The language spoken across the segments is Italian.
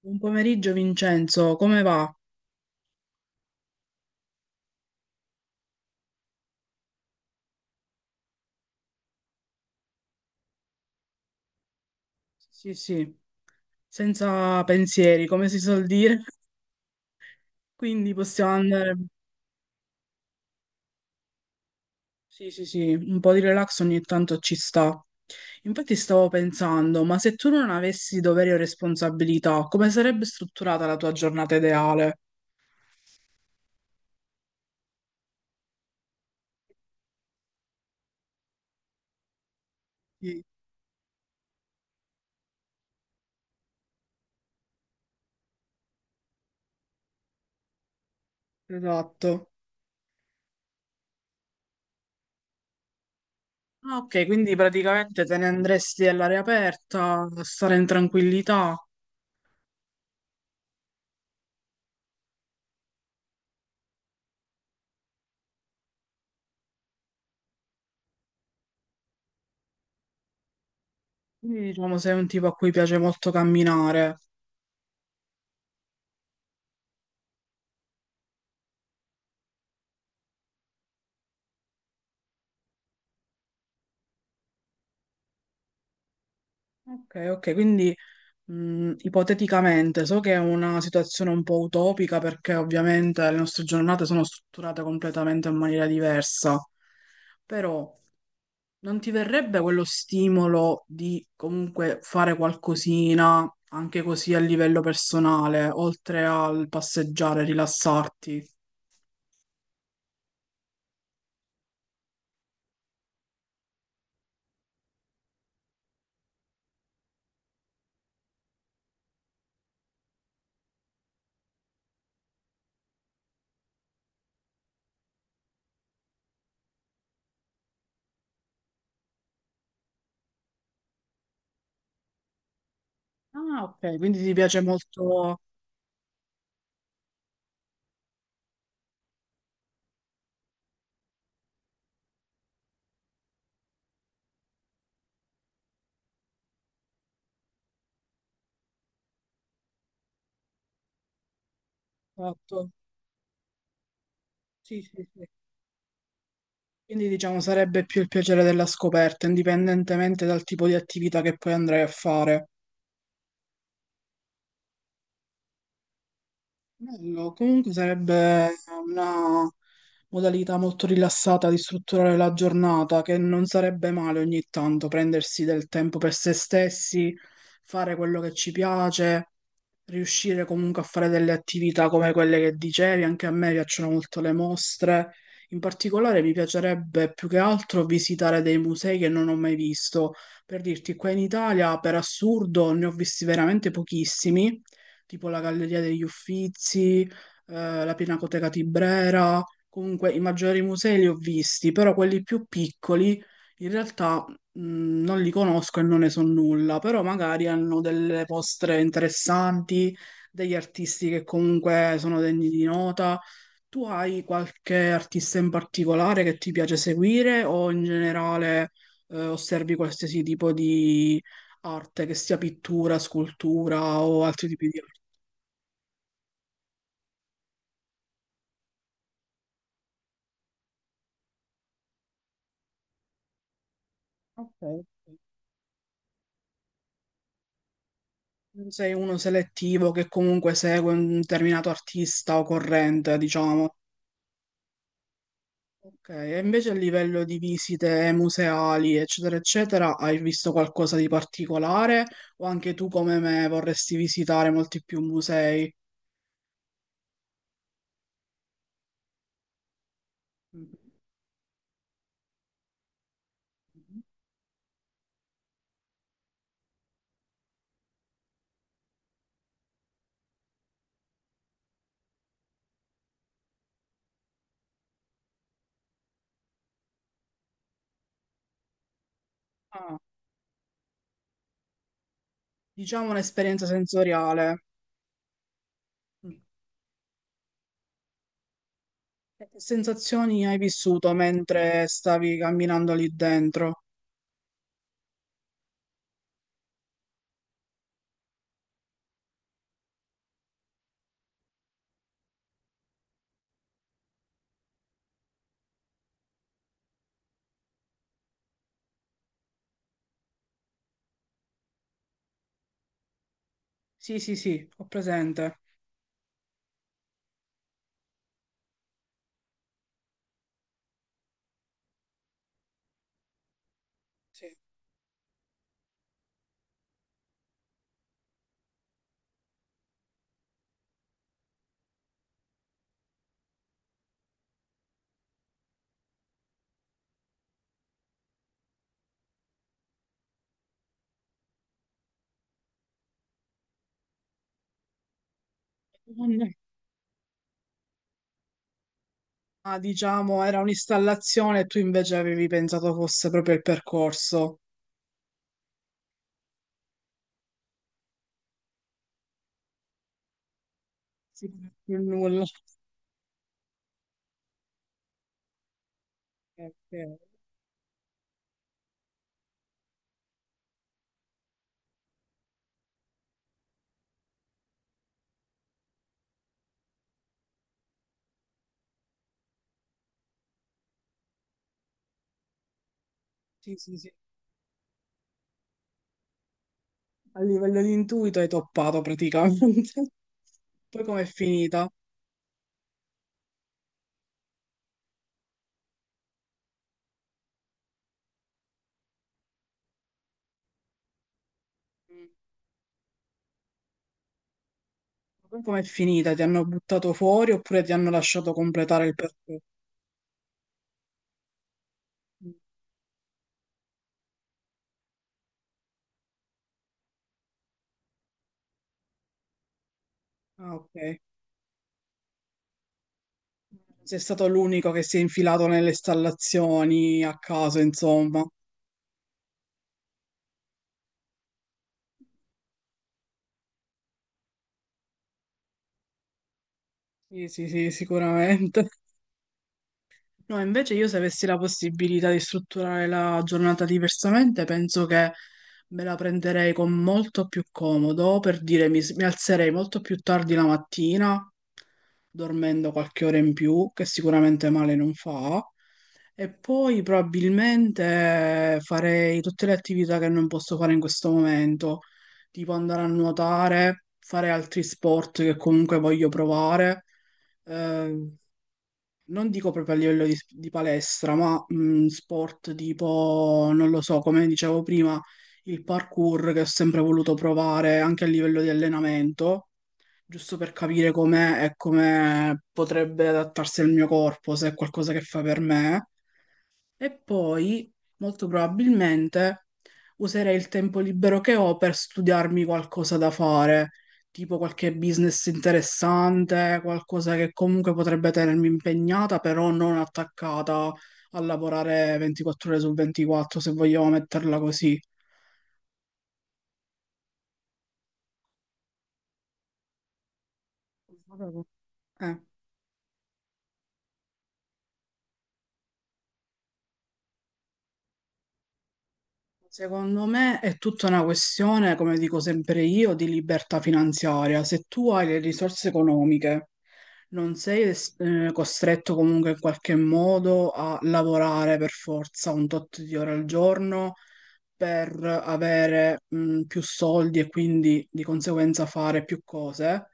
Buon pomeriggio Vincenzo, come va? Sì, sì, senza pensieri, come si suol dire, quindi possiamo andare. Sì, sì, sì, un po' di relax ogni tanto ci sta. Infatti stavo pensando, ma se tu non avessi doveri o responsabilità, come sarebbe strutturata la tua giornata ideale? Sì, esatto. Ah, ok, quindi praticamente te ne andresti all'aria aperta, a stare in tranquillità. Quindi diciamo sei un tipo a cui piace molto camminare. Ok, ok, quindi ipoteticamente, so che è una situazione un po' utopica perché ovviamente le nostre giornate sono strutturate completamente in maniera diversa, però non ti verrebbe quello stimolo di comunque fare qualcosina anche così a livello personale, oltre al passeggiare, rilassarti? Ah, ok, quindi ti piace molto fatto. Sì, sì, sì. Quindi diciamo sarebbe più il piacere della scoperta, indipendentemente dal tipo di attività che poi andrai a fare. Bello, comunque sarebbe una modalità molto rilassata di strutturare la giornata, che non sarebbe male ogni tanto prendersi del tempo per se stessi, fare quello che ci piace, riuscire comunque a fare delle attività come quelle che dicevi. Anche a me piacciono molto le mostre. In particolare mi piacerebbe più che altro visitare dei musei che non ho mai visto. Per dirti, qua in Italia, per assurdo, ne ho visti veramente pochissimi, tipo la Galleria degli Uffizi, la Pinacoteca Tibrera, comunque i maggiori musei li ho visti, però quelli più piccoli in realtà non li conosco e non ne so nulla, però magari hanno delle mostre interessanti, degli artisti che comunque sono degni di nota. Tu hai qualche artista in particolare che ti piace seguire o in generale osservi qualsiasi tipo di arte, che sia pittura, scultura o altri tipi di arte? Ok. Non sei uno selettivo che comunque segue un determinato artista o corrente, diciamo. Ok, e invece a livello di visite museali, eccetera, eccetera, hai visto qualcosa di particolare o anche tu come me vorresti visitare molti più musei? Mm. Ah, diciamo un'esperienza sensoriale. Mm. Che sensazioni hai vissuto mentre stavi camminando lì dentro? Sì, sì, sì, ho presente. Sì. Ah, diciamo, era un'installazione e tu invece avevi pensato fosse proprio il percorso. Sì, più nulla. Eh, eh, Sì, sì, sì. A livello di intuito hai toppato praticamente. Poi com'è finita? Mm. Poi com'è finita? Ti hanno buttato fuori oppure ti hanno lasciato completare il percorso? Mm. Ah, ok. Sei stato l'unico che si è infilato nelle installazioni a caso, insomma. Sì, sì, sì, sicuramente. No, invece io se avessi la possibilità di strutturare la giornata diversamente, penso che me la prenderei con molto più comodo, per dire mi alzerei molto più tardi la mattina, dormendo qualche ora in più, che sicuramente male non fa, e poi probabilmente farei tutte le attività che non posso fare in questo momento, tipo andare a nuotare, fare altri sport che comunque voglio provare. ehm, Non dico proprio a livello di palestra, ma sport tipo, non lo so, come dicevo prima, il parkour che ho sempre voluto provare anche a livello di allenamento, giusto per capire com'è e come potrebbe adattarsi al mio corpo, se è qualcosa che fa per me. E poi, molto probabilmente, userei il tempo libero che ho per studiarmi qualcosa da fare, tipo qualche business interessante, qualcosa che comunque potrebbe tenermi impegnata, però non attaccata a lavorare 24 ore su 24, se vogliamo metterla così. Eh. Secondo me è tutta una questione, come dico sempre io, di libertà finanziaria. Se tu hai le risorse economiche, non sei costretto comunque in qualche modo a lavorare per forza un tot di ore al giorno per avere più soldi e quindi di conseguenza fare più cose.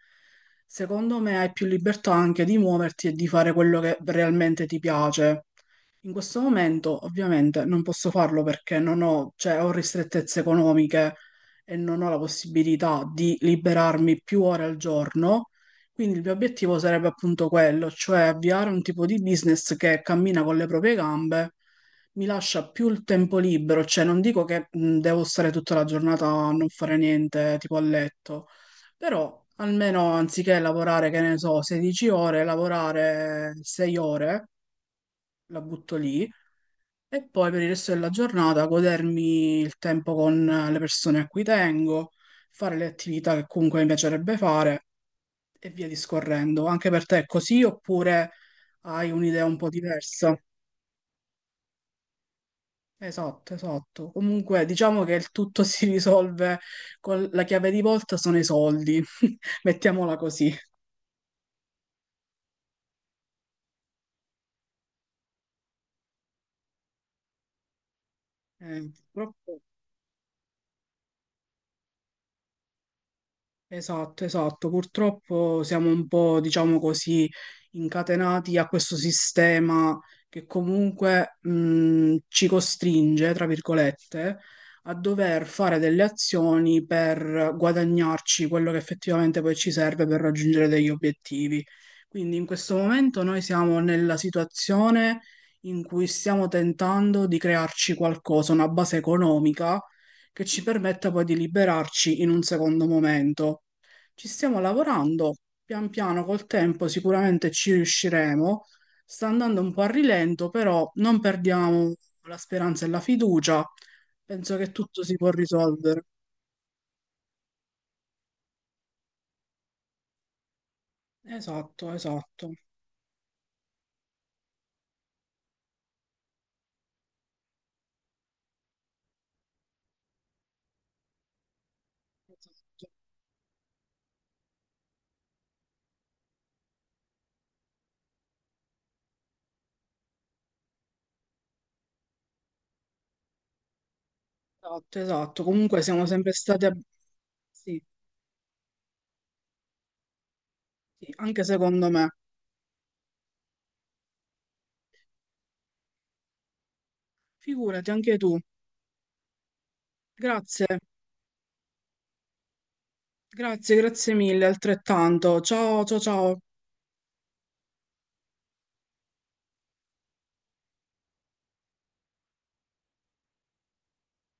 Secondo me hai più libertà anche di muoverti e di fare quello che realmente ti piace. In questo momento ovviamente non posso farlo perché non ho, cioè, ho ristrettezze economiche e non ho la possibilità di liberarmi più ore al giorno, quindi il mio obiettivo sarebbe appunto quello, cioè avviare un tipo di business che cammina con le proprie gambe, mi lascia più il tempo libero, cioè non dico che devo stare tutta la giornata a non fare niente, tipo a letto, però almeno anziché lavorare, che ne so, 16 ore, lavorare 6 ore, la butto lì e poi per il resto della giornata godermi il tempo con le persone a cui tengo, fare le attività che comunque mi piacerebbe fare e via discorrendo. Anche per te è così oppure hai un'idea un po' diversa? Esatto, esatto. Comunque diciamo che il tutto si risolve con la chiave di volta sono i soldi, mettiamola così. Purtroppo. Esatto, esatto. Purtroppo siamo un po', diciamo così, incatenati a questo sistema che comunque ci costringe, tra virgolette, a dover fare delle azioni per guadagnarci quello che effettivamente poi ci serve per raggiungere degli obiettivi. Quindi in questo momento noi siamo nella situazione in cui stiamo tentando di crearci qualcosa, una base economica che ci permetta poi di liberarci in un secondo momento. Ci stiamo lavorando, pian piano col tempo sicuramente ci riusciremo. Sta andando un po' a rilento, però non perdiamo la speranza e la fiducia. Penso che tutto si può risolvere. Esatto, esatto. Esatto, esatto. Comunque siamo sempre stati... ab- Sì, sì, anche secondo me. Figurati anche tu. Grazie, grazie, grazie mille, altrettanto. Ciao, ciao, ciao.